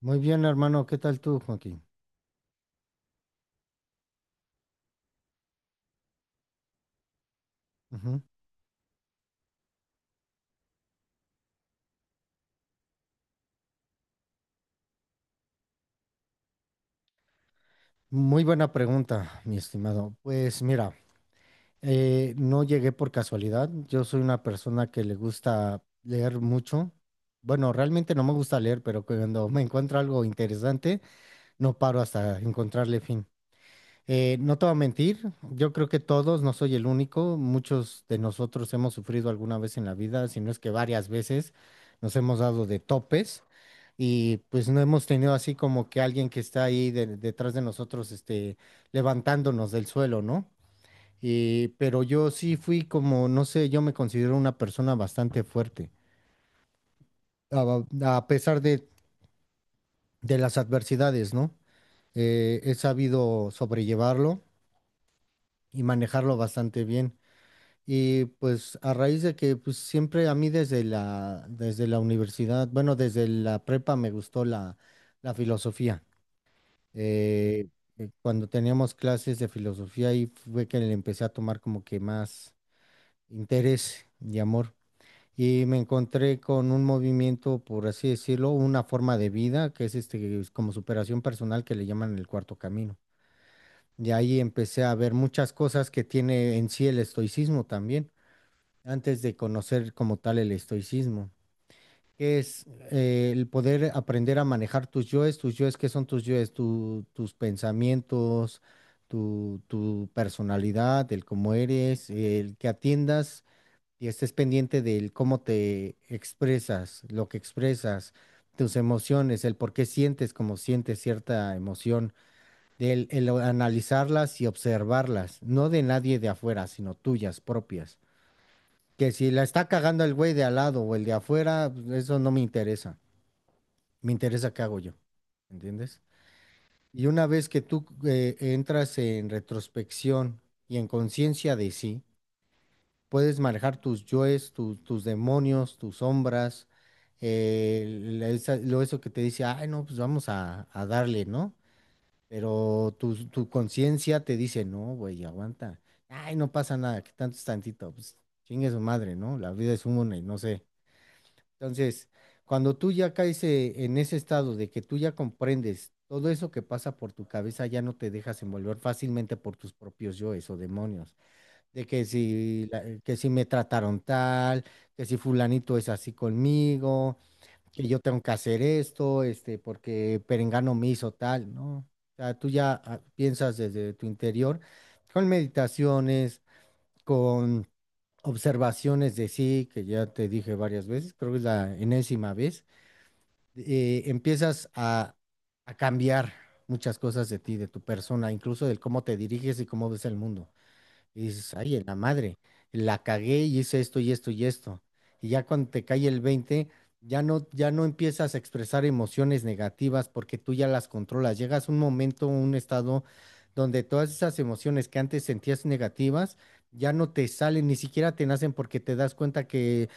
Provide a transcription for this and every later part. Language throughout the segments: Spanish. Muy bien, hermano. ¿Qué tal tú, Joaquín? Ujú. Muy buena pregunta, mi estimado. Pues mira, no llegué por casualidad. Yo soy una persona que le gusta leer mucho. Bueno, realmente no me gusta leer, pero cuando me encuentro algo interesante, no paro hasta encontrarle fin. No te voy a mentir, yo creo que todos, no soy el único, muchos de nosotros hemos sufrido alguna vez en la vida, si no es que varias veces nos hemos dado de topes y pues no hemos tenido así como que alguien que está ahí detrás de nosotros, levantándonos del suelo, ¿no? Pero yo sí fui como, no sé, yo me considero una persona bastante fuerte, a, a pesar de las adversidades, ¿no? He sabido sobrellevarlo y manejarlo bastante bien. Y pues a raíz de que pues siempre a mí desde la universidad, bueno, desde la prepa me gustó la filosofía. Eh, Cuando teníamos clases de filosofía ahí fue que le empecé a tomar como que más interés y amor. Y me encontré con un movimiento, por así decirlo, una forma de vida, que es este, es como superación personal que le llaman el cuarto camino. De ahí empecé a ver muchas cosas que tiene en sí el estoicismo también antes de conocer como tal el estoicismo, que es el poder aprender a manejar tus yoes, ¿qué son tus yoes? Tus pensamientos, tu personalidad, el cómo eres, el que atiendas y estés pendiente del cómo te expresas, lo que expresas, tus emociones, el por qué sientes como sientes cierta emoción. Del, el analizarlas y observarlas, no de nadie de afuera, sino tuyas propias. Que si la está cagando el güey de al lado o el de afuera, pues, eso no me interesa. Me interesa qué hago yo. ¿Entiendes? Y una vez que tú entras en retrospección y en conciencia de sí, puedes manejar tus yoes, tus demonios, tus sombras, eh, la- esa- lo eso que te dice, ay, no, pues vamos a darle, ¿no? Pero tu conciencia te dice, no, güey, aguanta. Ay, no pasa nada, que tanto es tantito, pues chingue su madre, ¿no? La vida es una y no sé. Entonces, cuando tú ya caes en ese estado de que tú ya comprendes todo eso que pasa por tu cabeza, ya no te dejas envolver fácilmente por tus propios yoes o demonios, de que si me trataron tal, que si fulanito es así conmigo, que yo tengo que hacer esto, este, porque Perengano me hizo tal, ¿no? O sea, tú ya piensas desde tu interior con meditaciones, con observaciones de sí, que ya te dije varias veces, creo que es la enésima vez, empiezas a cambiar muchas cosas de ti, de tu persona, incluso del cómo te diriges y cómo ves el mundo. Y dices, ay, en la madre, la cagué y hice esto y esto y esto. Y ya cuando te cae el 20, ya no, ya no empiezas a expresar emociones negativas porque tú ya las controlas. Llegas a un momento, un estado donde todas esas emociones que antes sentías negativas, ya no te salen, ni siquiera te nacen porque te das cuenta que,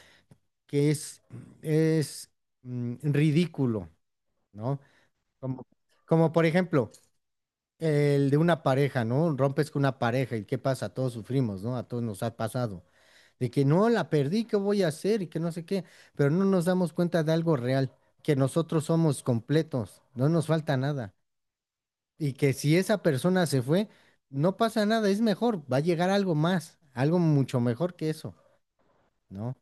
que es ridículo, ¿no? Como, como por ejemplo, el de una pareja, ¿no? Rompes con una pareja y ¿qué pasa? Todos sufrimos, ¿no? A todos nos ha pasado. De que no, la perdí, ¿qué voy a hacer? Y que no sé qué, pero no nos damos cuenta de algo real, que nosotros somos completos, no nos falta nada. Y que si esa persona se fue, no pasa nada, es mejor, va a llegar algo más, algo mucho mejor que eso, ¿no?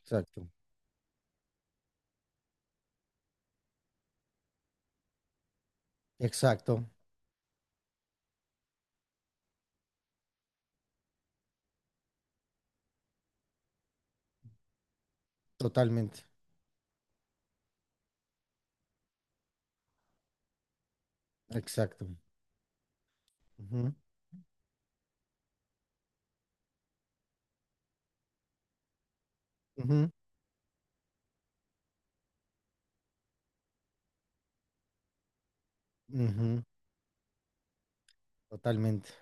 Exacto, exacto, totalmente, exacto. Ujú, ujú, ujú, totalmente.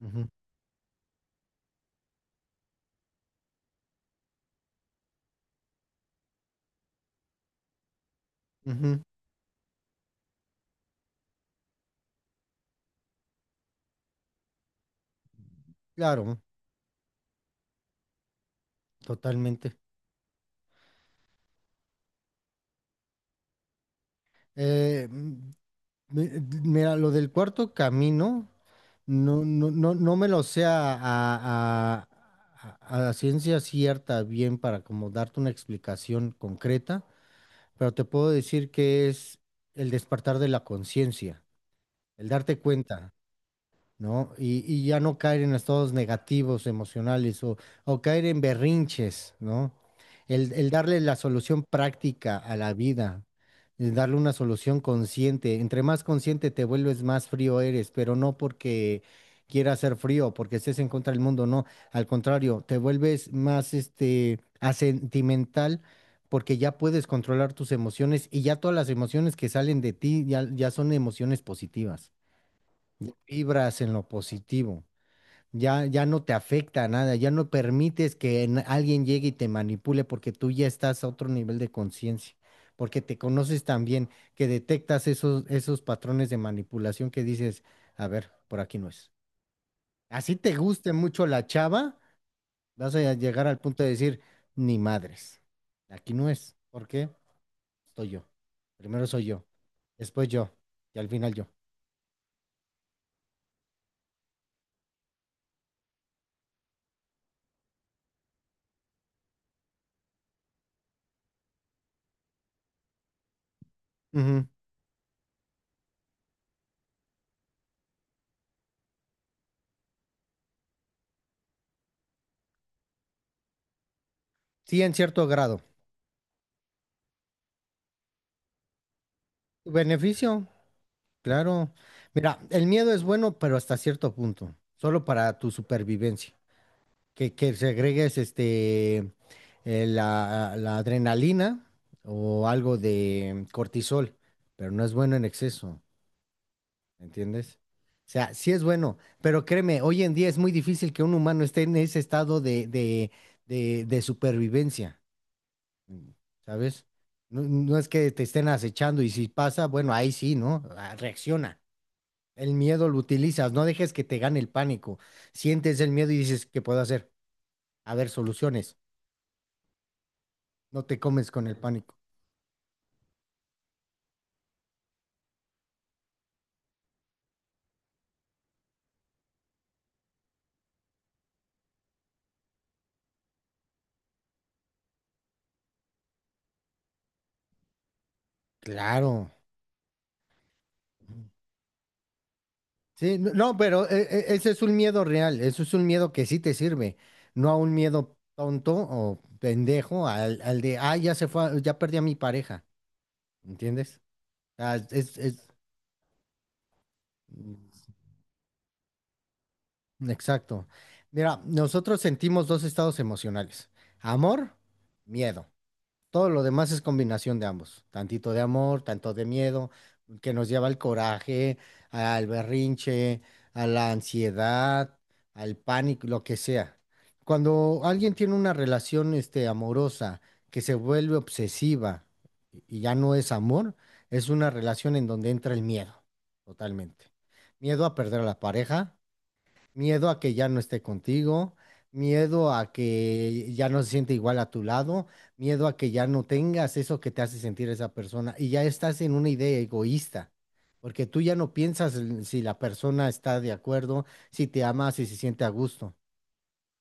Ujú. Ujú, claro, totalmente. Eh, mm, mi- mira, lo del cuarto camino, no, no, no, no me lo sé a ciencia cierta bien para como darte una explicación concreta, pero te puedo decir que es el despertar de la conciencia, el darte cuenta, ¿no? Y ya no caer en estados negativos emocionales o caer en berrinches, ¿no? El darle la solución práctica a la vida, el darle una solución consciente. Entre más consciente te vuelves, más frío eres, pero no porque quieras ser frío, porque estés en contra del mundo, no. Al contrario, te vuelves más asentimental. Porque ya puedes controlar tus emociones y ya todas las emociones que salen de ti ya, son emociones positivas. Vibras en lo positivo. Ya no te afecta a nada, ya no permites que alguien llegue y te manipule porque tú ya estás a otro nivel de conciencia, porque te conoces tan bien que detectas esos patrones de manipulación que dices, a ver, por aquí no es. Así te guste mucho la chava, vas a llegar al punto de decir, ni madres, aquí no es. ¿Por qué? Estoy yo. Primero soy yo, después yo y al final yo. Ujú. Sí, en cierto grado. Tu beneficio. Claro. Mira, el miedo es bueno, pero hasta cierto punto, solo para tu supervivencia. Que segregues la adrenalina o algo de cortisol, pero no es bueno en exceso, ¿entiendes? O sea, sí es bueno, pero créeme, hoy en día es muy difícil que un humano esté en ese estado de supervivencia, ¿sabes? No, no es que te estén acechando y si pasa, bueno, ahí sí, ¿no? Ah, reacciona, el miedo lo utilizas, no dejes que te gane el pánico. Sientes el miedo y dices, ¿qué puedo hacer? A ver, soluciones. No te comes con el pánico. Claro. Sí, no, no, pero ese es un miedo real, eso es un miedo que sí te sirve, no a un miedo tonto o pendejo al, al de, ah, ya se fue, ya perdí a mi pareja, ¿entiendes? Ah, es, es- mm, exacto. Mira, nosotros sentimos dos estados emocionales, amor, miedo. Todo lo demás es combinación de ambos, tantito de amor, tanto de miedo, que nos lleva al coraje, al berrinche, a la ansiedad, al pánico, lo que sea. Cuando alguien tiene una relación, este, amorosa que se vuelve obsesiva y ya no es amor, es una relación en donde entra el miedo, totalmente. Miedo a perder a la pareja, miedo a que ya no esté contigo, miedo a que ya no se siente igual a tu lado, miedo a que ya no tengas eso que te hace sentir esa persona y ya estás en una idea egoísta, porque tú ya no piensas en si la persona está de acuerdo, si te ama, si se siente a gusto,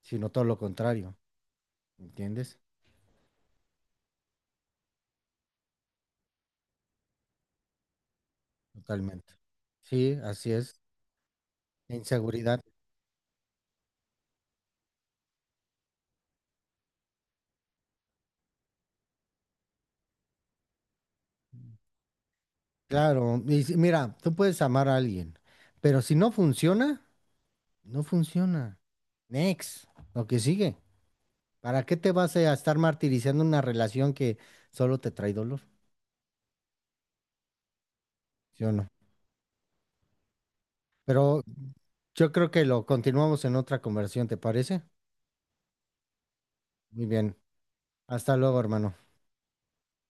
sino todo lo contrario, ¿entiendes? Totalmente. Sí, así es. Inseguridad. Claro, y mira, tú puedes amar a alguien, pero si no funciona, no funciona. Next, lo que sigue. ¿Para qué te vas a estar martirizando una relación que solo te trae dolor? ¿Sí o no? Pero yo creo que lo continuamos en otra conversación, ¿te parece? Muy bien. Hasta luego, hermano.